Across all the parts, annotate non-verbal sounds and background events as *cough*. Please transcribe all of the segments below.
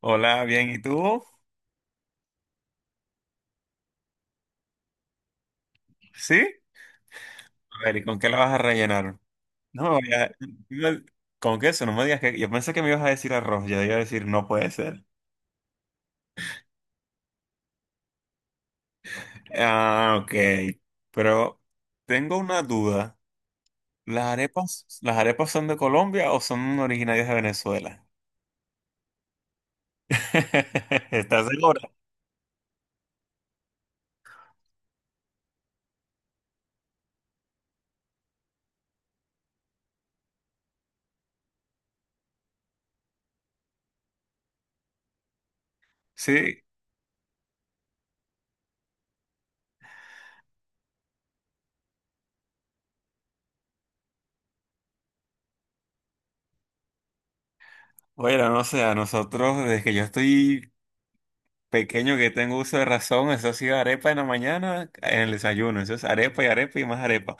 Hola, bien, ¿y tú? ¿Sí? A ver, ¿y con qué la vas a rellenar? No me vaya- no- ¿Con qué eso? No me digas que... Yo pensé que me ibas a decir arroz, yo iba a decir no puede ser. Ah, ok. Pero tengo una duda. ¿Las arepas son de Colombia o son originarias de Venezuela? *laughs* ¿Estás segura? Sí. Bueno, no sé, a nosotros, desde que yo estoy pequeño que tengo uso de razón, eso ha sido arepa en la mañana, en el desayuno, eso es arepa y arepa y más arepa.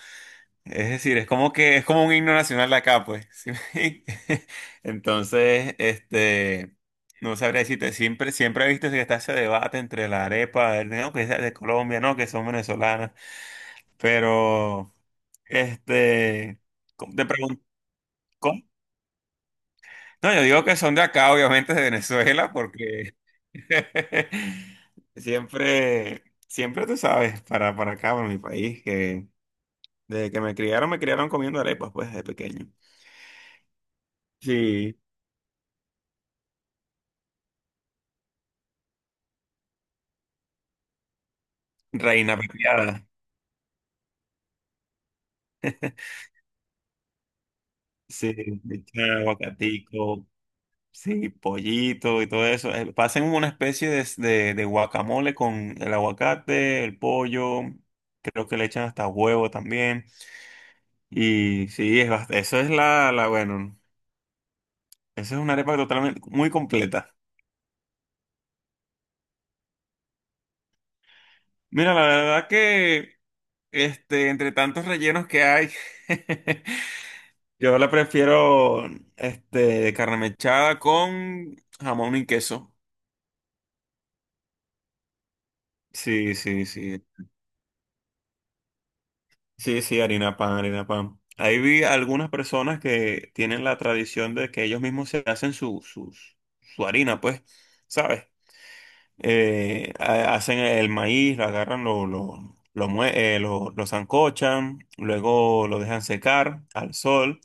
Es decir, es como que es como un himno nacional acá, pues. *laughs* Entonces, no sabría decirte, siempre he visto que está ese debate entre la arepa, no, que es de Colombia, no, que son venezolanas. Pero, este, ¿cómo te pregunto? No, yo digo que son de acá, obviamente de Venezuela, porque *laughs* siempre tú sabes, para acá, para mi país, que desde que me criaron comiendo arepas, pues, de pequeño. Sí. Reina pepiada. *laughs* Sí, echa aguacatico, sí, pollito y todo eso. Hacen una especie de, de guacamole con el aguacate, el pollo, creo que le echan hasta huevo también. Y sí, es, eso es bueno, esa es una arepa totalmente muy completa. Mira, la verdad que entre tantos rellenos que hay, *laughs* yo la prefiero, de carne mechada con jamón y queso. Sí, sí, sí. Sí, sí, harina pan, harina pan. Ahí vi algunas personas que tienen la tradición de que ellos mismos se hacen su, su harina, pues, ¿sabes? Hacen el maíz, lo agarran, lo sancochan, luego lo dejan secar al sol,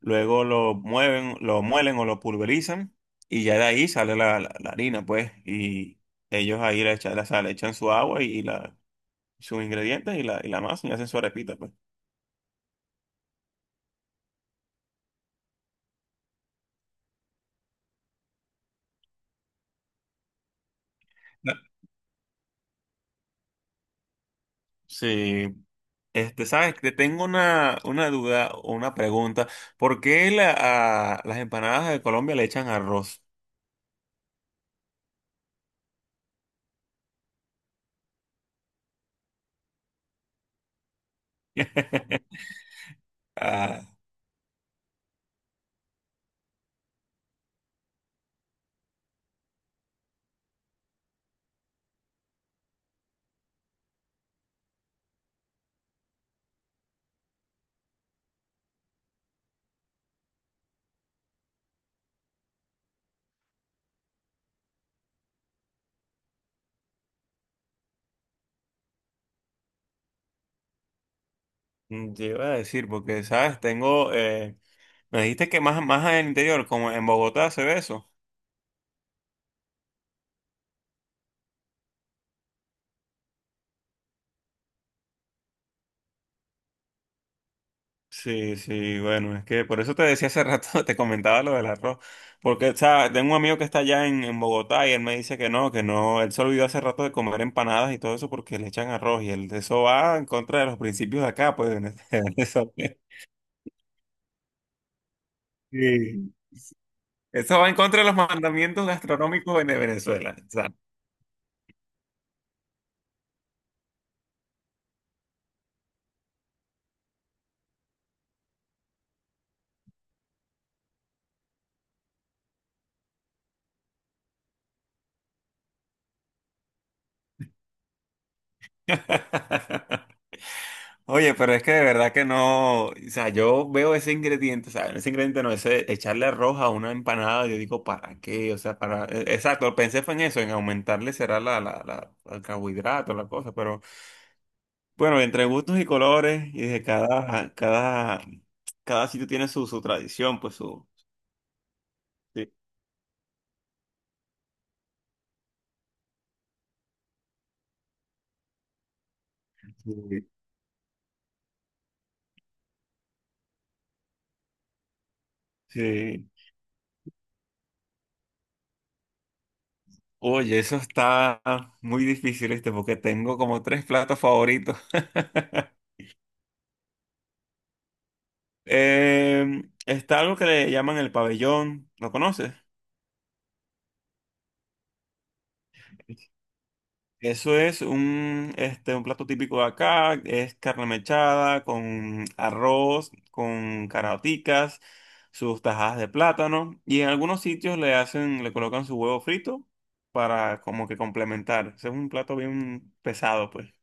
luego lo mueven, lo muelen o lo pulverizan, y ya de ahí sale la, la harina, pues, y ellos ahí le echan, le echan su agua sus ingredientes y la masa y hacen su arepita, pues. No, sí, sabes, te tengo una duda o una pregunta. ¿Por qué a las empanadas de Colombia le echan arroz? *laughs* Ah, te iba a decir, porque, sabes, me dijiste que más en el interior, como en Bogotá se ve eso. Sí, sí, bueno, es que por eso te decía hace rato, *laughs* te comentaba lo del arroz, porque, o sea, tengo un amigo que está allá en Bogotá y él me dice que no, él se olvidó hace rato de comer empanadas y todo eso porque le echan arroz, y él, eso va en contra de los principios de acá, pues, *laughs* eso, sí. Eso va en contra de los mandamientos gastronómicos en Venezuela, o sea. *laughs* Oye, pero es que de verdad que no, o sea, yo veo ese ingrediente, o sea, ese ingrediente no, ese echarle arroz a una empanada, yo digo, ¿para qué? O sea, exacto, pensé fue en eso, en aumentarle será el carbohidrato, la cosa, pero bueno, entre gustos y colores, y de cada sitio tiene su tradición, pues sí, sí. Sí. Oye, eso está muy difícil, porque tengo como tres platos favoritos. *laughs* Está algo que le llaman el pabellón, ¿lo conoces? Eso es un plato típico de acá, es carne mechada con arroz, con caraoticas, sus tajadas de plátano, y en algunos sitios le hacen, le colocan su huevo frito para como que complementar. Ese es un plato bien pesado, pues.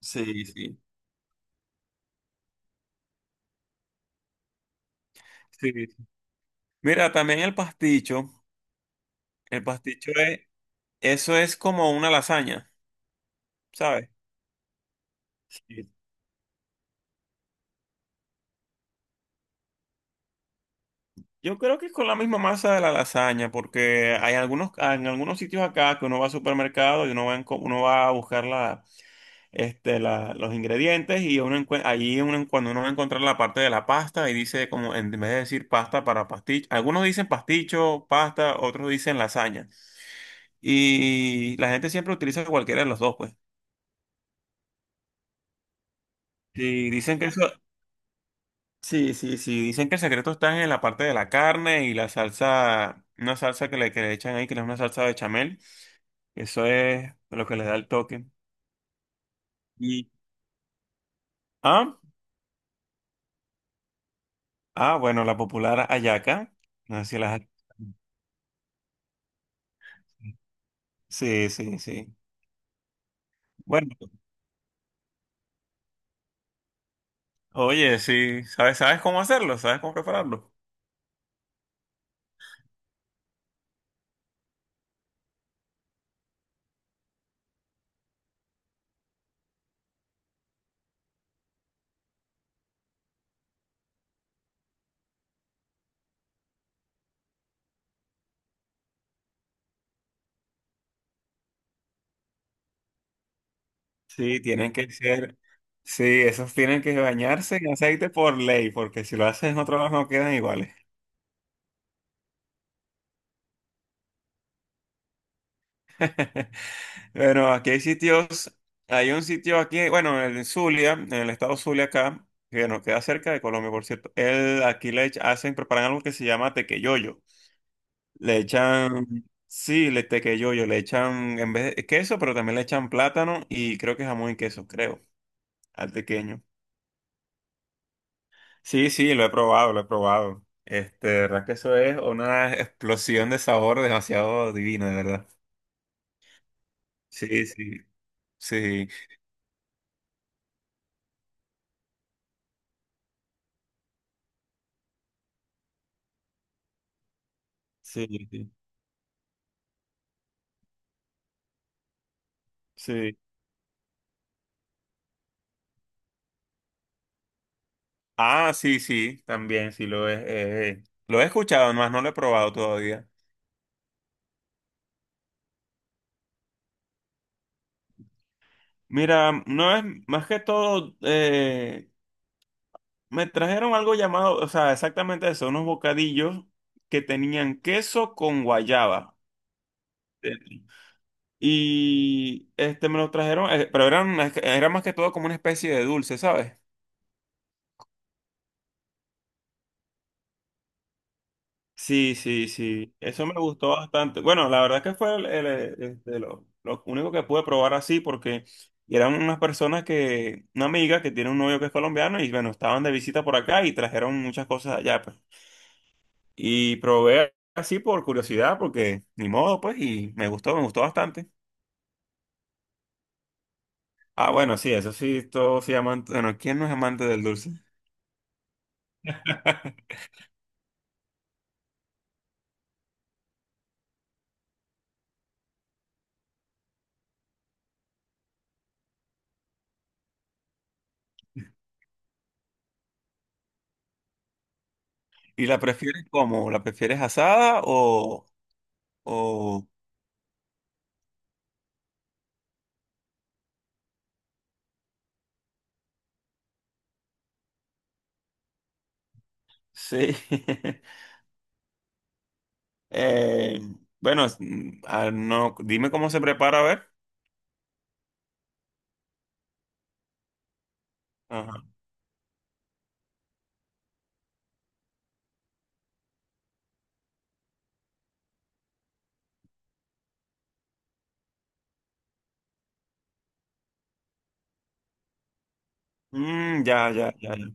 Sí, sí. Sí. Mira, también el pasticho es, eso es como una lasaña, ¿sabes? Yo creo que es con la misma masa de la lasaña, porque hay algunos, en algunos sitios acá, que uno va al supermercado y uno va, uno va a buscar los ingredientes, y allí uno, cuando uno va a encontrar la parte de la pasta y dice, como en vez de decir pasta para pasticho, algunos dicen pasticho, pasta, otros dicen lasaña. Y la gente siempre utiliza cualquiera de los dos, pues. Y dicen que eso, sí, sí, sí, dicen que el secreto está en la parte de la carne y la salsa, una salsa que le echan ahí, que es una salsa bechamel. Eso es lo que le da el toque. Y, ah, bueno, la popular hallaca. No sé si. Sí, sí, sí. Bueno, oye, sí, sabes cómo hacerlo? ¿Sabes cómo prepararlo? Sí, tienen que ser, sí, esos tienen que bañarse en aceite por ley, porque si lo hacen en otro lado no quedan iguales. *laughs* Bueno, aquí hay sitios, hay un sitio aquí, bueno, en el Zulia, en el estado Zulia acá, que nos queda cerca de Colombia, por cierto. Él, aquí preparan algo que se llama tequeyoyo. Le echan, sí, le tequeyoyo, le echan en vez de queso, pero también le echan plátano y creo que jamón y queso, creo, al tequeño. Sí, sí, lo he probado, lo he probado. De verdad que eso es una explosión de sabor demasiado divina, de verdad. Sí, sí, sí, sí, sí. Sí. Ah, sí, sí, también sí lo he escuchado, más no lo he probado todavía. Mira, no es más que todo, me trajeron algo llamado, o sea, exactamente eso, unos bocadillos que tenían queso con guayaba. Sí. Y este me lo trajeron, pero eran, era más que todo como una especie de dulce, ¿sabes? Sí, sí, sí. Eso me gustó bastante. Bueno, la verdad que fue de lo único que pude probar así, porque eran unas personas que, una amiga que tiene un novio que es colombiano, y bueno, estaban de visita por acá y trajeron muchas cosas allá, pues. Y probé así por curiosidad porque ni modo, pues, y me gustó bastante. Ah, bueno, sí, eso sí, todos sí amantes. Bueno, ¿quién no es amante del dulce? *laughs* ¿Y la prefieres cómo? ¿La prefieres asada o...? Sí. *laughs* Eh, bueno, no, dime cómo se prepara, a ver. Ajá. Ya, ya, ya, ya.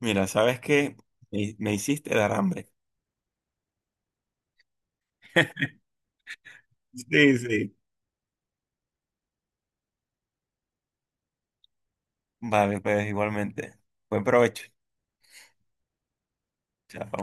Mira, ¿sabes qué? Me hiciste dar hambre. Sí, sí. Vale, pues igualmente. Buen provecho. Chao.